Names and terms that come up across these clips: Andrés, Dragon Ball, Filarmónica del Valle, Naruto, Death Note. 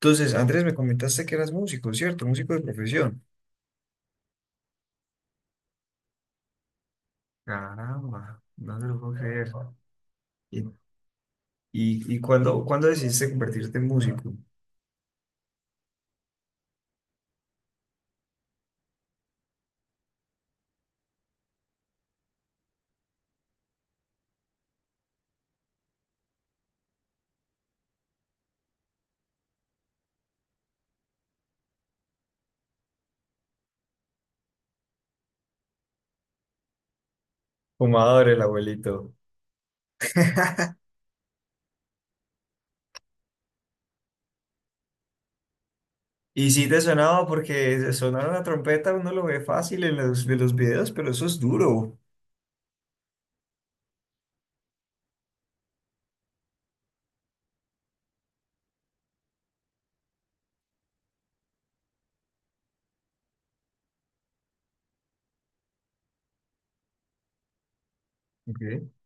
Entonces, Andrés, me comentaste que eras músico, ¿cierto? Músico de profesión. Caramba, no te lo puedo creer. ¿Y, y cuándo decidiste convertirte en músico? Fumador el abuelito. Y sí te sonaba porque sonar una trompeta uno lo ve fácil en los videos, pero eso es duro. Ok.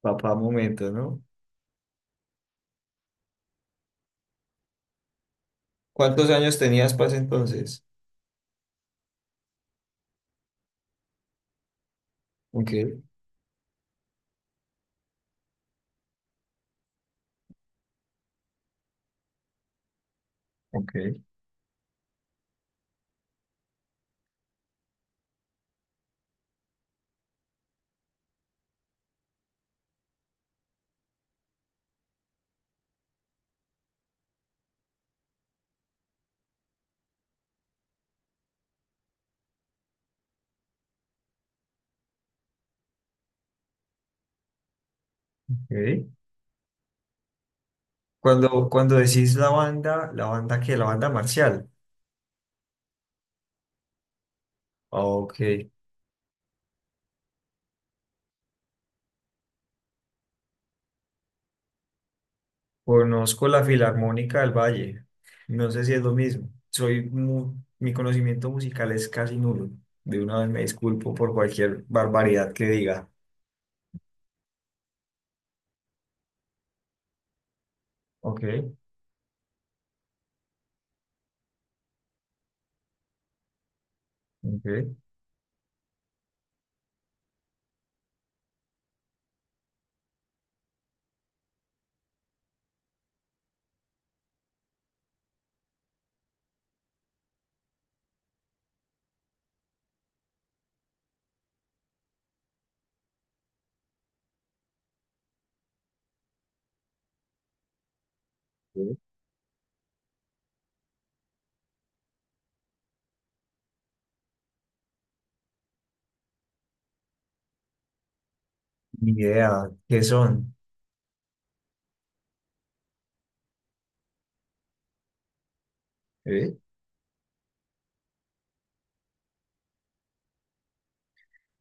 Papá, momento, ¿no? ¿Cuántos años tenías para ese entonces? Ok, ok, ok. Cuando decís la banda que, la banda marcial. Ah, ok. Conozco la Filarmónica del Valle. No sé si es lo mismo. Soy mi conocimiento musical es casi nulo. De una vez me disculpo por cualquier barbaridad que diga. Ok, ok. Sí. Ni idea. ¿Qué son? ¿Eh?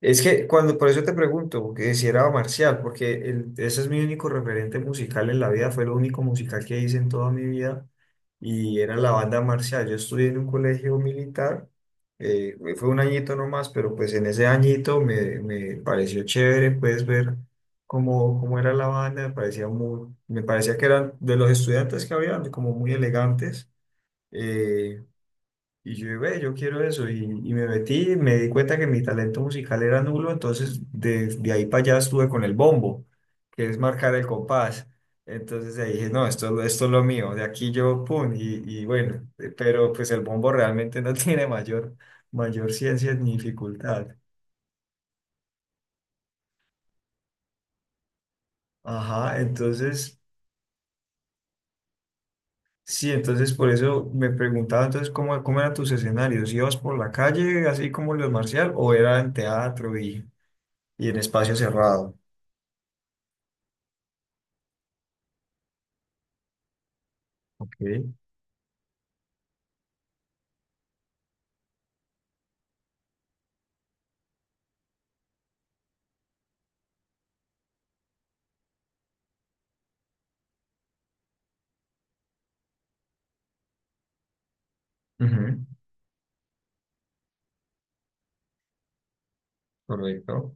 Es que cuando, por eso te pregunto, que si era marcial, porque ese es mi único referente musical en la vida, fue lo único musical que hice en toda mi vida y era la banda marcial. Yo estudié en un colegio militar, fue un añito nomás, pero pues en ese añito me pareció chévere, puedes ver cómo era la banda, me parecía muy, me parecía que eran de los estudiantes que habían, como muy elegantes. eh, y yo, ve, yo quiero eso. Y me metí, me di cuenta que mi talento musical era nulo, entonces de ahí para allá estuve con el bombo, que es marcar el compás. Entonces ahí dije, no, esto es lo mío, de aquí yo, pum, y bueno, pero pues el bombo realmente no tiene mayor, mayor ciencia ni dificultad. Ajá, entonces, sí, entonces por eso me preguntaba entonces cómo eran tus escenarios, ¿ibas por la calle así como los marcial o era en teatro y en espacio cerrado? Ok. Ujú. Correcto.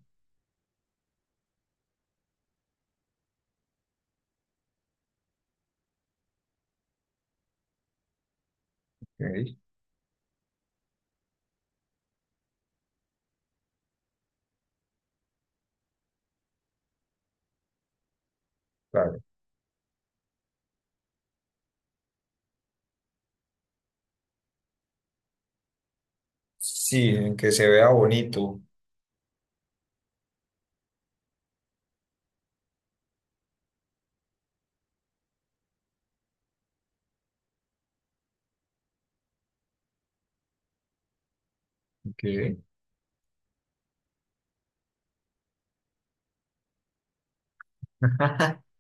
Ok. Vale. Sí, en que se vea bonito. Que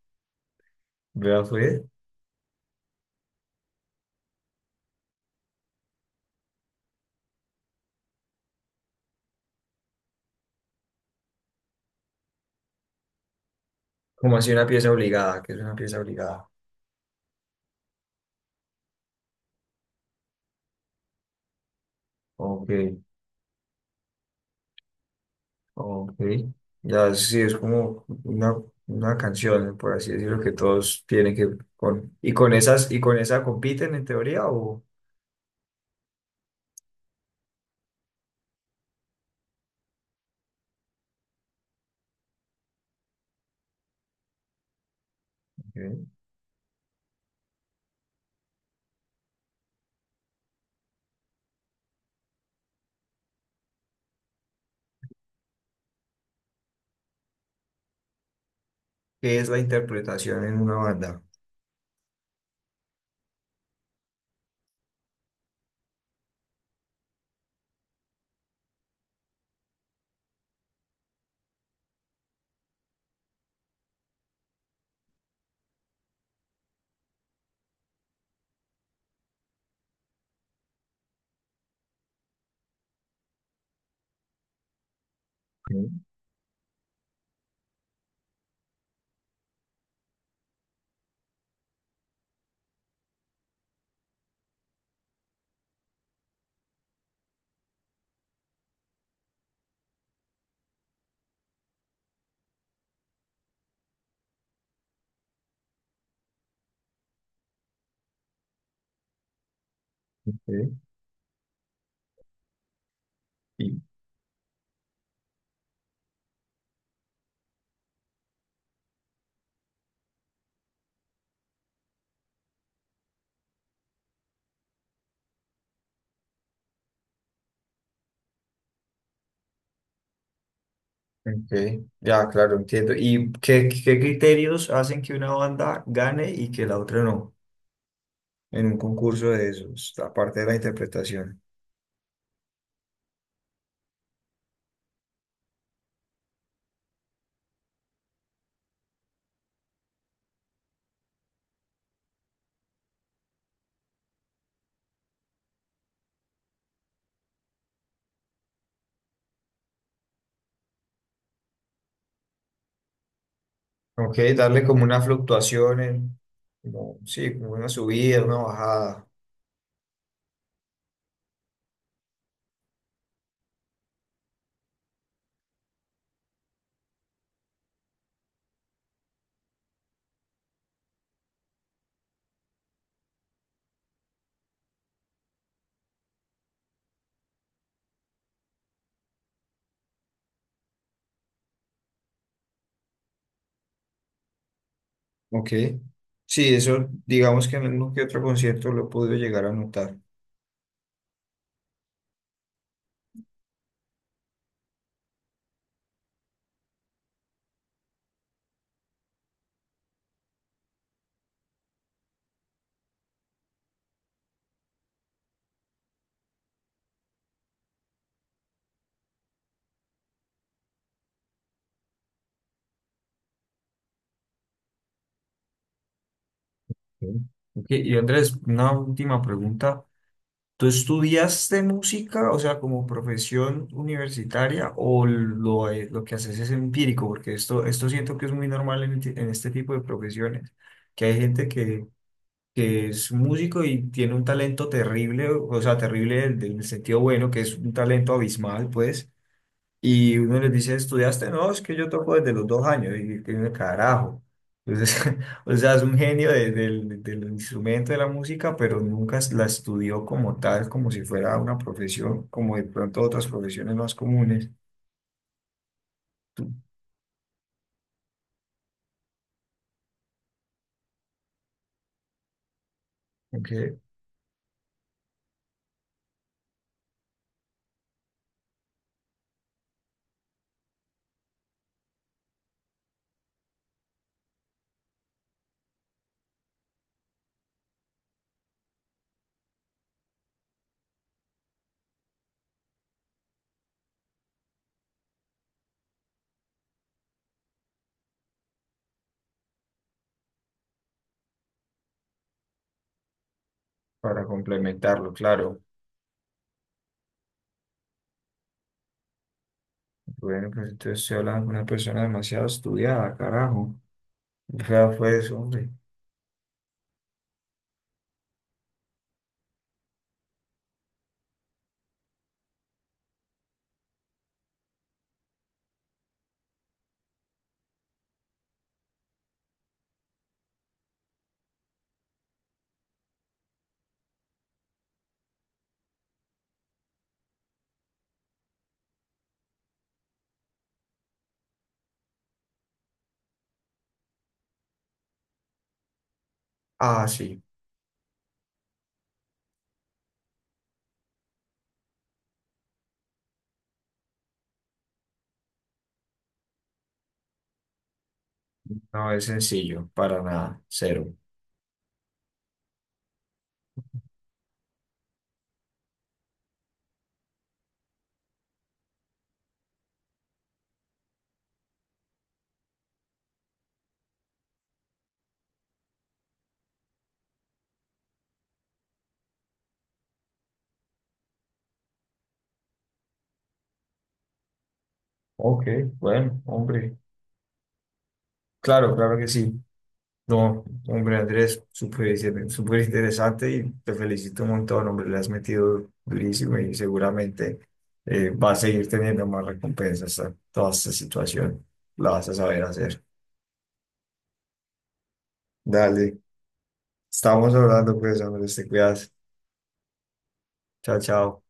vea, fue como así una pieza obligada, que es una pieza obligada. Ok, ok. Ya sí, es como una canción, por así decirlo, que todos tienen que con y con esas y con esa compiten en teoría o ok. ¿Qué es la interpretación en una banda? Ok, ok. Ok, ya, claro, entiendo. ¿Y qué criterios hacen que una banda gane y que la otra no en un concurso de esos, aparte de la interpretación? Ok, darle como una fluctuación, como, sí, como una subida, una bajada. Ok, sí, eso digamos que en uno que otro concierto lo he podido llegar a notar. Ok, ok, y Andrés, una última pregunta. ¿Tú estudiaste música, o sea, como profesión universitaria, o lo que haces es empírico? Porque esto siento que es muy normal en, en este tipo de profesiones, que hay gente que es músico y tiene un talento terrible, o sea, terrible en el sentido bueno, que es un talento abismal, pues, y uno les dice, ¿estudiaste? No, es que yo toco desde los 2 años. Y que uno, carajo. Entonces, o sea, es un genio del instrumento de la música, pero nunca la estudió como tal, como si fuera una profesión, como de pronto otras profesiones más comunes. Aunque para complementarlo, claro. Bueno, pues entonces estoy hablando con una persona demasiado estudiada, carajo. O sea, fue eso, hombre. Ah, sí. No es sencillo, para nada, cero. Ok, bueno, hombre. Claro, claro que sí. No, hombre Andrés, súper súper interesante y te felicito un montón, hombre, le has metido durísimo y seguramente va a seguir teniendo más recompensas a toda esta situación, la vas a saber hacer. Dale, estamos hablando pues, Andrés, te cuidas, chao, chao.